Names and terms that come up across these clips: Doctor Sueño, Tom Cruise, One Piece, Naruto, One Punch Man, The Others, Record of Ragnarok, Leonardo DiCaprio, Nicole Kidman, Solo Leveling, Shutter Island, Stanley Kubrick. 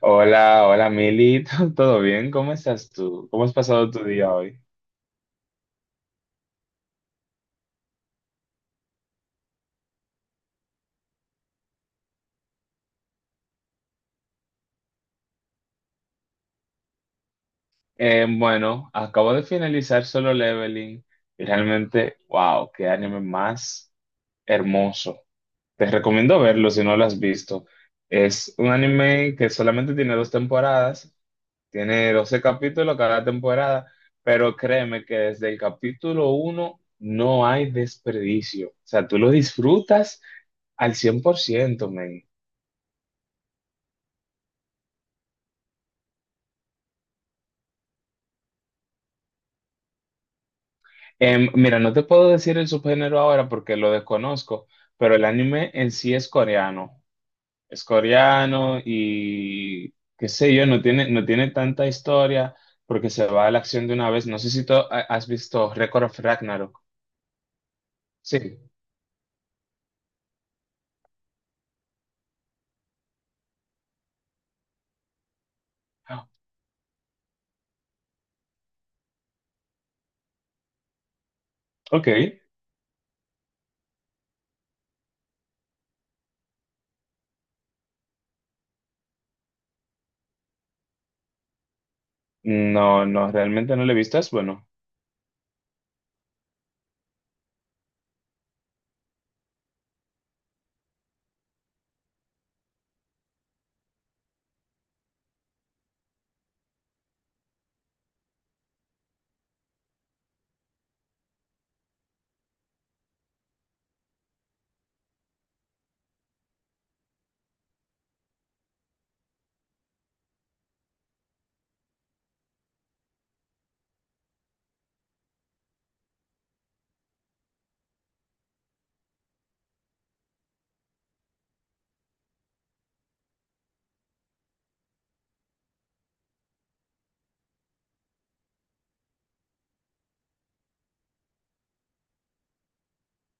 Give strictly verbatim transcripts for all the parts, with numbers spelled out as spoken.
Hola, hola Mili, ¿todo bien? ¿Cómo estás tú? ¿Cómo has pasado tu día hoy? Eh, bueno, acabo de finalizar Solo Leveling y realmente, wow, qué anime más hermoso. Te recomiendo verlo si no lo has visto. Es un anime que solamente tiene dos temporadas, tiene doce capítulos cada temporada, pero créeme que desde el capítulo uno no hay desperdicio. O sea, tú lo disfrutas al cien por ciento, men. Em, mira, no te puedo decir el subgénero ahora porque lo desconozco, pero el anime en sí es coreano. Es coreano y qué sé yo, no tiene, no tiene tanta historia porque se va a la acción de una vez. No sé si tú ha- has visto Record of Ragnarok. Sí. Ah, ok. No, no, realmente no lo he visto. Es bueno.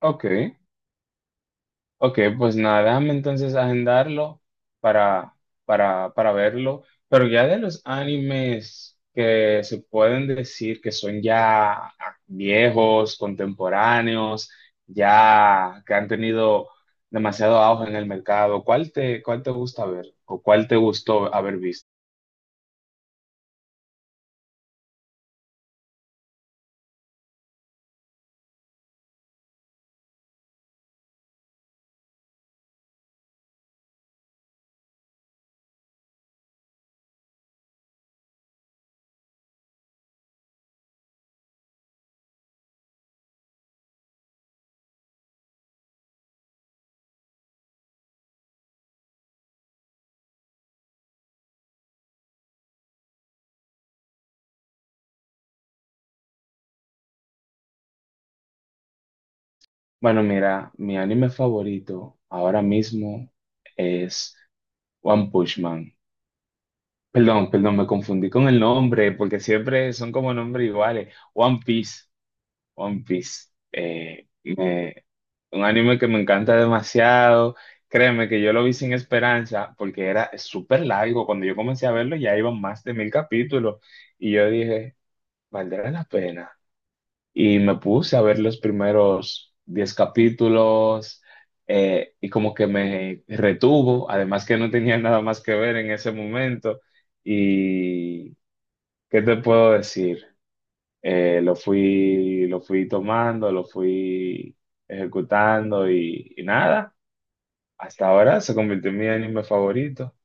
Ok. Ok, pues nada, déjame entonces agendarlo para, para, para verlo. Pero ya de los animes que se pueden decir que son ya viejos, contemporáneos, ya que han tenido demasiado auge en el mercado, ¿cuál te, ¿cuál te gusta ver o cuál te gustó haber visto? Bueno, mira, mi anime favorito ahora mismo es One Punch Man. Perdón, perdón, me confundí con el nombre, porque siempre son como nombres iguales. One Piece, One Piece. Eh, me- un anime que me encanta demasiado. Créeme que yo lo vi sin esperanza, porque era súper largo. Cuando yo comencé a verlo ya iban más de mil capítulos. Y yo dije, ¿valdrá la pena? Y me puse a ver los primeros diez capítulos. Eh, y como que me retuvo, además que no tenía nada más que ver en ese momento. Y ¿qué te puedo decir? Eh, lo fui, lo fui tomando, lo fui ejecutando y, y nada, hasta ahora se convirtió en mi anime favorito.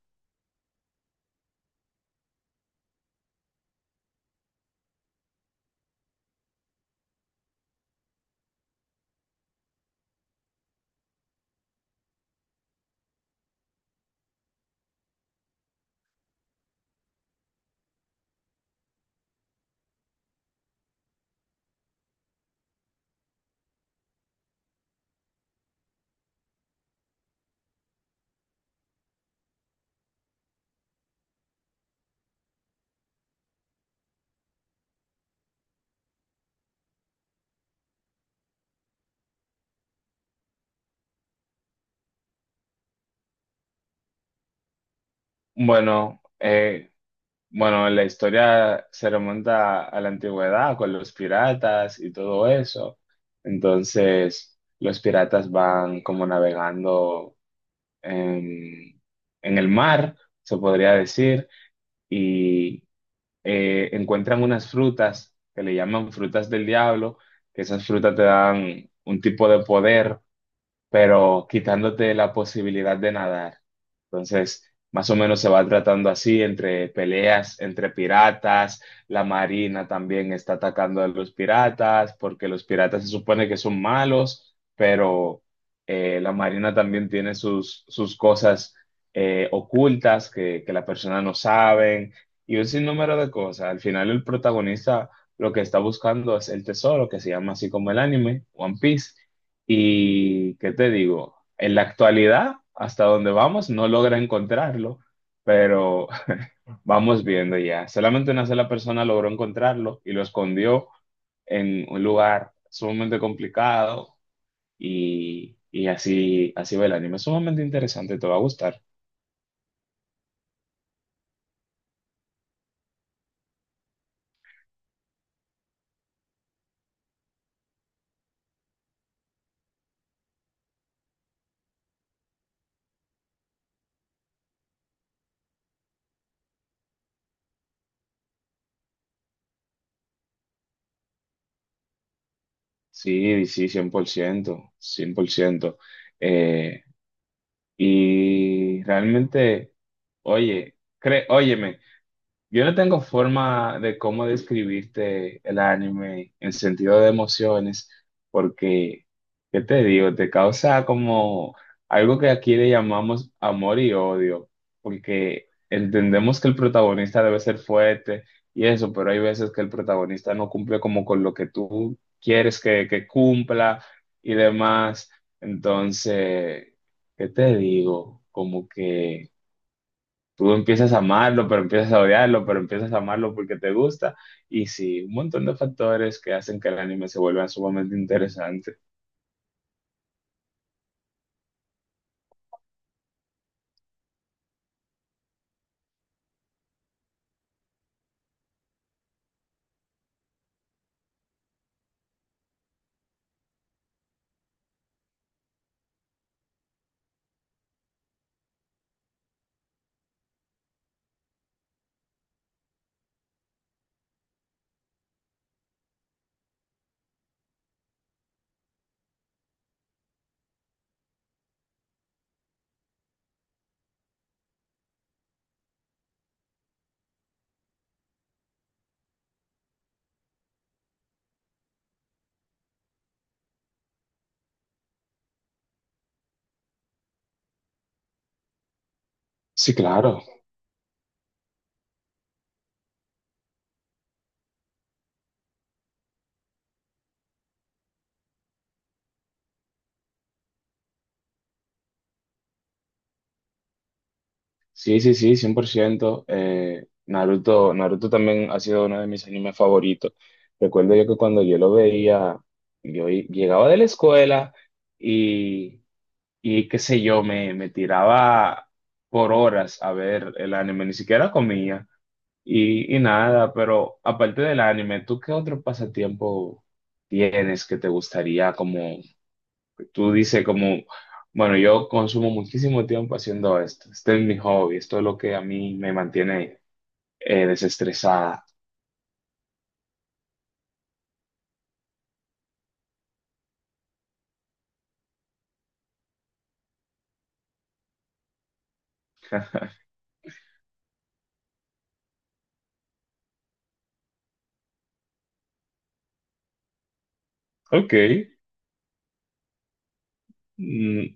Bueno, eh, bueno, la historia se remonta a la antigüedad con los piratas y todo eso. Entonces, los piratas van como navegando en, en el mar, se podría decir, y eh, encuentran unas frutas que le llaman frutas del diablo, que esas frutas te dan un tipo de poder pero quitándote la posibilidad de nadar. Entonces, más o menos se va tratando así, entre peleas, entre piratas, la marina también está atacando a los piratas, porque los piratas se supone que son malos, pero eh, la marina también tiene sus, sus cosas eh, ocultas que, que la persona no saben, y un sinnúmero de cosas. Al final el protagonista lo que está buscando es el tesoro, que se llama así como el anime, One Piece. Y, ¿qué te digo? En la actualidad, hasta donde vamos, no logra encontrarlo, pero vamos viendo ya. Solamente una sola persona logró encontrarlo y lo escondió en un lugar sumamente complicado y, y así, así va el anime. Es sumamente interesante, te va a gustar. Sí, sí, cien por ciento, cien por ciento. Eh, y realmente, oye, cre óyeme, yo no tengo forma de cómo describirte el anime en sentido de emociones, porque, ¿qué te digo? Te causa como algo que aquí le llamamos amor y odio, porque entendemos que el protagonista debe ser fuerte y eso, pero hay veces que el protagonista no cumple como con lo que tú quieres que, que cumpla y demás. Entonces, ¿qué te digo? Como que... Tú empiezas a amarlo, pero empiezas a odiarlo, pero empiezas a amarlo porque te gusta. Y sí, un montón de factores que hacen que el anime se vuelva sumamente interesante. Sí, claro. Sí, sí, sí, cien por ciento. Eh, Naruto, Naruto también ha sido uno de mis animes favoritos. Recuerdo yo que cuando yo lo veía, yo i- llegaba de la escuela y, y qué sé yo, me, me tiraba por horas a ver el anime, ni siquiera comía. Y, y nada, pero aparte del anime, ¿tú qué otro pasatiempo tienes que te gustaría? Como tú dices, como, bueno, yo consumo muchísimo tiempo haciendo esto. Este es mi hobby, esto es lo que a mí me mantiene eh, desestresada. Ok, mm,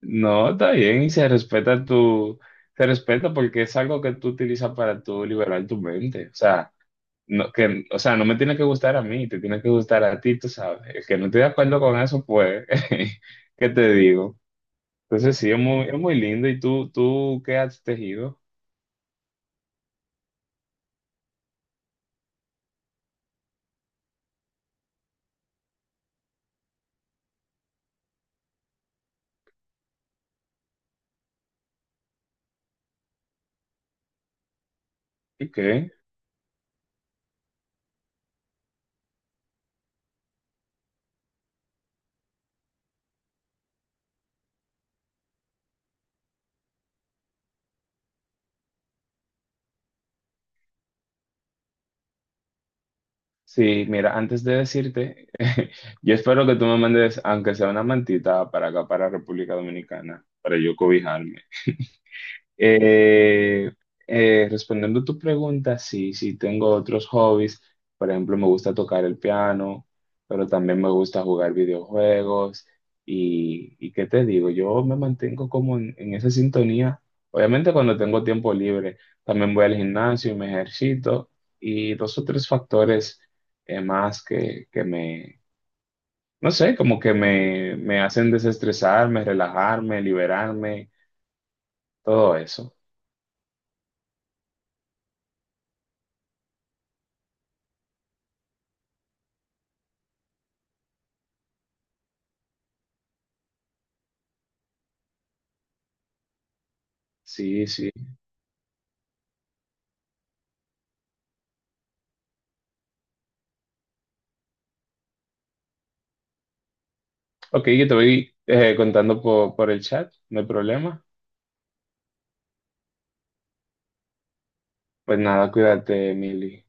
no, está bien y se respeta tu, se respeta porque es algo que tú utilizas para tú liberar tu mente. O sea, no, que, o sea, no me tiene que gustar a mí, te tiene que gustar a ti, tú sabes. El que no esté de acuerdo con eso, pues, ¿qué te digo? Entonces sí, es muy, es muy lindo. ¿Y tú, tú qué has tejido? ¿Y qué? Sí, mira, antes de decirte, yo espero que tú me mandes, aunque sea una mantita, para acá, para República Dominicana, para yo cobijarme. Eh, eh, Respondiendo a tu pregunta, sí, sí, tengo otros hobbies. Por ejemplo, me gusta tocar el piano, pero también me gusta jugar videojuegos. Y, y qué te digo, yo me mantengo como en, en esa sintonía. Obviamente cuando tengo tiempo libre, también voy al gimnasio y me ejercito. Y dos o tres factores eh, más que, que me, no sé, como que me, me hacen desestresarme, relajarme, liberarme, todo eso. Sí, sí. Ok, yo te voy eh, contando por, por el chat, no hay problema. Pues nada, cuídate, Mili.